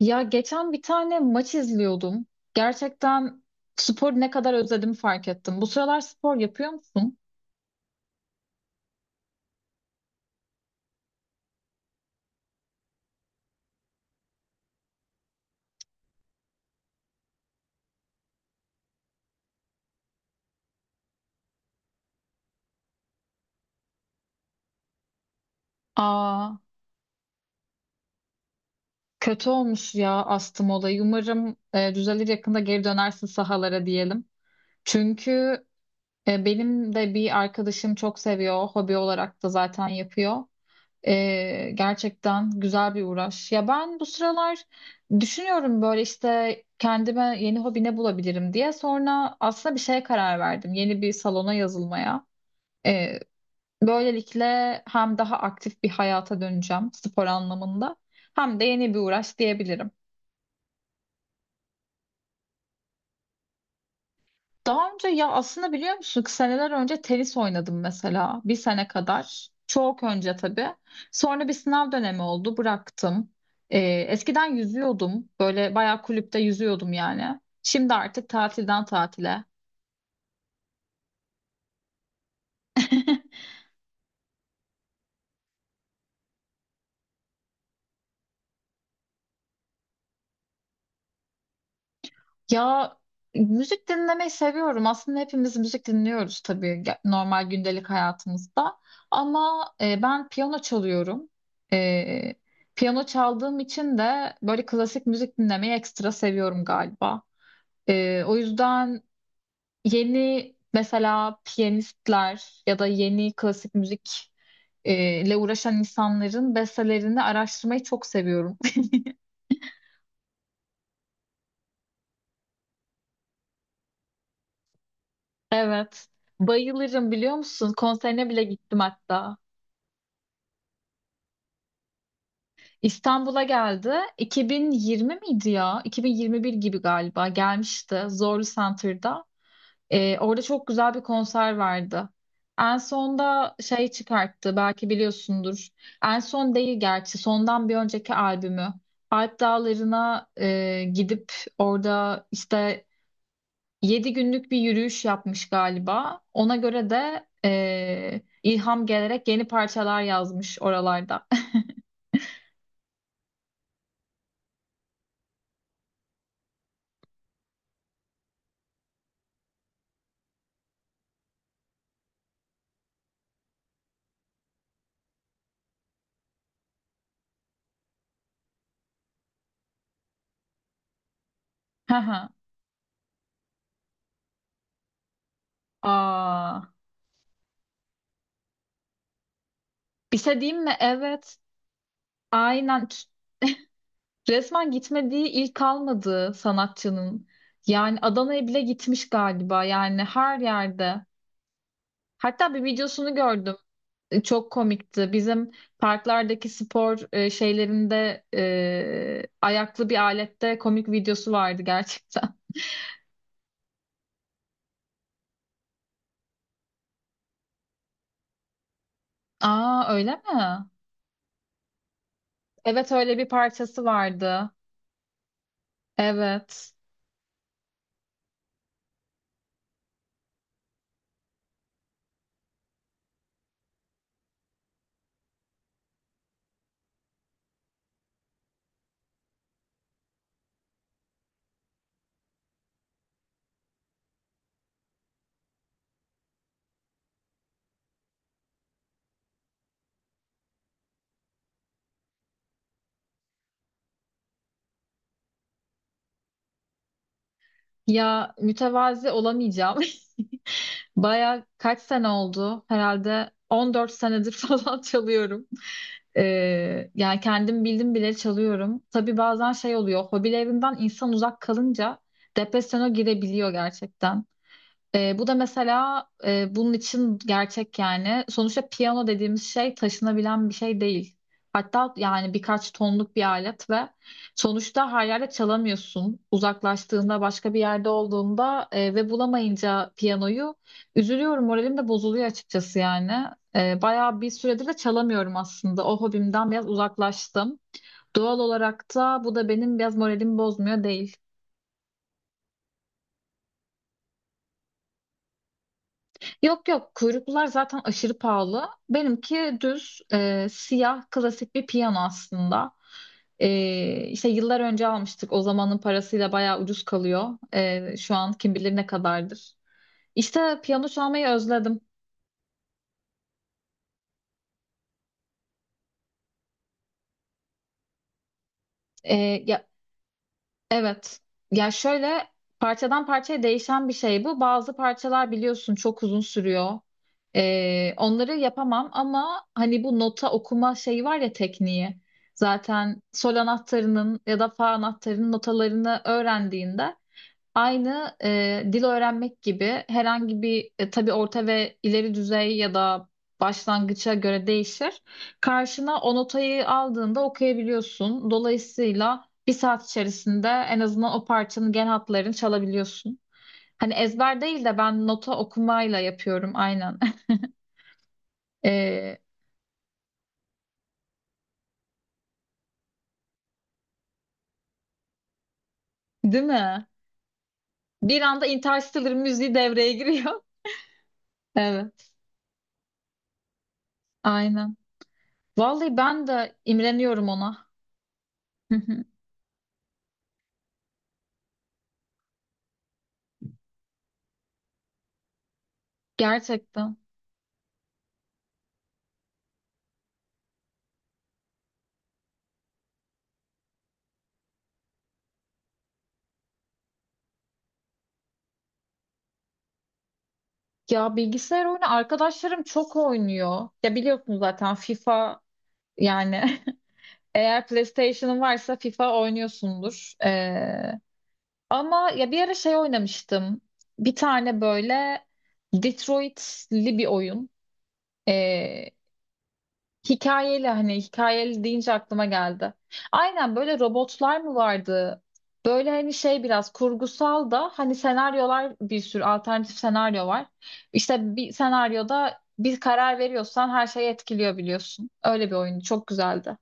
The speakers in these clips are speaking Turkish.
Ya geçen bir tane maç izliyordum. Gerçekten spor ne kadar özledim fark ettim. Bu sıralar spor yapıyor musun? Aa, kötü olmuş ya astım olayı. Umarım düzelir yakında geri dönersin sahalara diyelim. Çünkü benim de bir arkadaşım çok seviyor. Hobi olarak da zaten yapıyor. Gerçekten güzel bir uğraş. Ya ben bu sıralar düşünüyorum böyle işte kendime yeni hobi ne bulabilirim diye. Sonra aslında bir şeye karar verdim. Yeni bir salona yazılmaya. Ee, Böylelikle hem daha aktif bir hayata döneceğim spor anlamında hem de yeni bir uğraş diyebilirim. Daha önce ya aslında biliyor musun ki seneler önce tenis oynadım mesela bir sene kadar. Çok önce tabii. Sonra bir sınav dönemi oldu bıraktım. Ee, Eskiden yüzüyordum böyle bayağı kulüpte yüzüyordum yani. Şimdi artık tatilden tatile. Ya müzik dinlemeyi seviyorum. Aslında hepimiz müzik dinliyoruz tabii normal gündelik hayatımızda. Ama ben piyano çalıyorum. E, Piyano çaldığım için de böyle klasik müzik dinlemeyi ekstra seviyorum galiba. O yüzden yeni mesela piyanistler ya da yeni klasik müzik ile uğraşan insanların bestelerini araştırmayı çok seviyorum. Evet. Bayılırım biliyor musun? Konserine bile gittim hatta. İstanbul'a geldi. 2020 miydi ya? 2021 gibi galiba gelmişti Zorlu Center'da. Orada çok güzel bir konser vardı. En sonda şey çıkarttı belki biliyorsundur. En son değil gerçi sondan bir önceki albümü. Alp Dağları'na gidip orada işte yedi günlük bir yürüyüş yapmış galiba. Ona göre de ilham gelerek yeni parçalar yazmış oralarda. Hı hı. Aa, bir şey diyeyim mi? Evet. Aynen. Resmen gitmediği il kalmadı sanatçının. Yani Adana'ya bile gitmiş galiba. Yani her yerde. Hatta bir videosunu gördüm. Çok komikti. Bizim parklardaki spor şeylerinde ayaklı bir alette komik videosu vardı gerçekten. Aa öyle mi? Evet öyle bir parçası vardı. Evet. Ya mütevazi olamayacağım. Baya kaç sene oldu? Herhalde 14 senedir falan çalıyorum. Yani kendim bildim bile çalıyorum. Tabii bazen şey oluyor, hobilerinden insan uzak kalınca depresyona girebiliyor gerçekten. Bu da mesela bunun için gerçek yani. Sonuçta piyano dediğimiz şey taşınabilen bir şey değil. Hatta yani birkaç tonluk bir alet ve sonuçta her yerde çalamıyorsun. Uzaklaştığında başka bir yerde olduğunda ve bulamayınca piyanoyu üzülüyorum. Moralim de bozuluyor açıkçası yani. Bayağı bir süredir de çalamıyorum aslında. O hobimden biraz uzaklaştım. Doğal olarak da bu da benim biraz moralimi bozmuyor değil. Yok yok kuyruklular zaten aşırı pahalı. Benimki düz siyah klasik bir piyano aslında. E, işte yıllar önce almıştık. O zamanın parasıyla bayağı ucuz kalıyor. Şu an kim bilir ne kadardır. İşte piyano çalmayı özledim. E, ya Evet. Ya şöyle parçadan parçaya değişen bir şey bu. Bazı parçalar biliyorsun çok uzun sürüyor. Onları yapamam ama hani bu nota okuma şeyi var ya tekniği. Zaten sol anahtarının ya da fa anahtarının notalarını öğrendiğinde aynı dil öğrenmek gibi herhangi bir tabii orta ve ileri düzey ya da başlangıça göre değişir. Karşına o notayı aldığında okuyabiliyorsun. Dolayısıyla bir saat içerisinde en azından o parçanın genel hatlarını çalabiliyorsun. Hani ezber değil de ben nota okumayla yapıyorum aynen. E, Değil mi? Bir anda Interstellar müziği devreye giriyor. Evet, aynen. Vallahi ben de imreniyorum ona. Gerçekten. Ya bilgisayar oyunu arkadaşlarım çok oynuyor. Ya biliyorsun zaten FIFA yani eğer PlayStation'ın varsa FIFA oynuyorsundur. Ama ya bir ara şey oynamıştım. Bir tane böyle Detroit'li bir oyun. Ee, Hikayeli hani hikayeli deyince aklıma geldi. Aynen böyle robotlar mı vardı? Böyle hani şey biraz kurgusal da hani senaryolar bir sürü alternatif senaryo var. İşte bir senaryoda bir karar veriyorsan her şeyi etkiliyor biliyorsun. Öyle bir oyun çok güzeldi.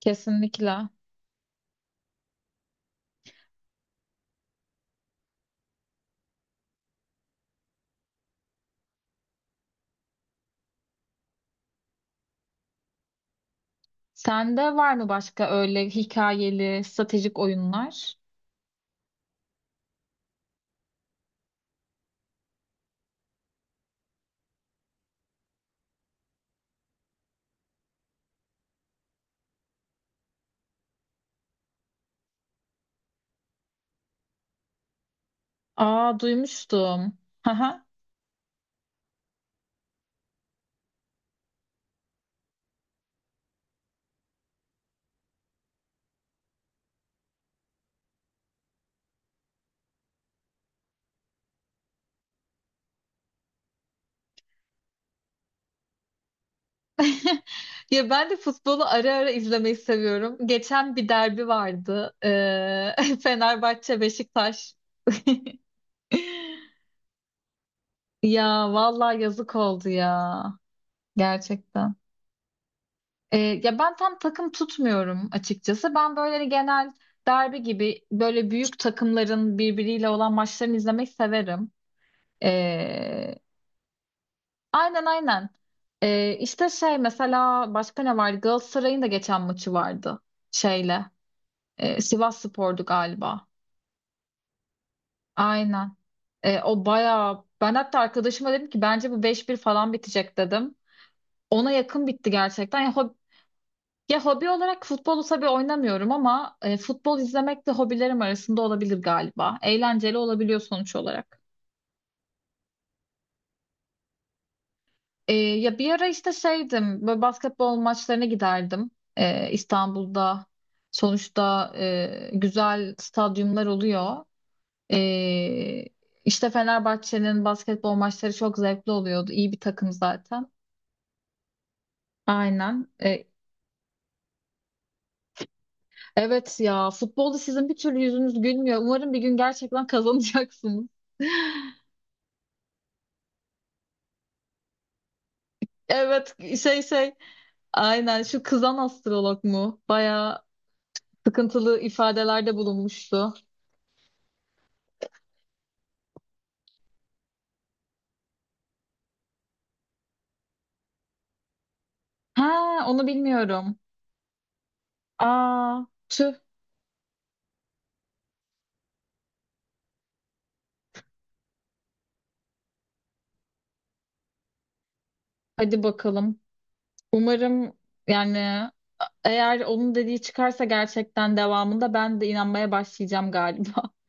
Kesinlikle. Sende var mı başka öyle hikayeli stratejik oyunlar? Aa duymuştum. Ya ben de futbolu ara ara izlemeyi seviyorum. Geçen bir derbi vardı. Fenerbahçe Beşiktaş. Ya vallahi yazık oldu ya. Gerçekten. Ya ben tam takım tutmuyorum açıkçası. Ben böyle hani genel derbi gibi böyle büyük takımların birbiriyle olan maçlarını izlemeyi severim. Ee, aynen aynen. İşte şey mesela başka ne vardı? Galatasaray'ın da geçen maçı vardı şeyle. Sivas Spor'du galiba. Aynen. O bayağı ben hatta arkadaşıma dedim ki bence bu 5-1 falan bitecek dedim. Ona yakın bitti gerçekten. Ya hobi olarak futbolu tabii oynamıyorum ama futbol izlemek de hobilerim arasında olabilir galiba. Eğlenceli olabiliyor sonuç olarak. Ya bir ara işte şeydim böyle basketbol maçlarına giderdim. İstanbul'da sonuçta güzel stadyumlar oluyor. Ee, işte Fenerbahçe'nin basketbol maçları çok zevkli oluyordu. İyi bir takım zaten. Aynen. Evet ya futbolda sizin bir türlü yüzünüz gülmüyor. Umarım bir gün gerçekten kazanacaksınız. Evet şey şey aynen şu kızan astrolog mu? Bayağı sıkıntılı ifadelerde bulunmuştu. Ha onu bilmiyorum. Aa tüh hadi bakalım. Umarım yani eğer onun dediği çıkarsa gerçekten devamında ben de inanmaya başlayacağım galiba.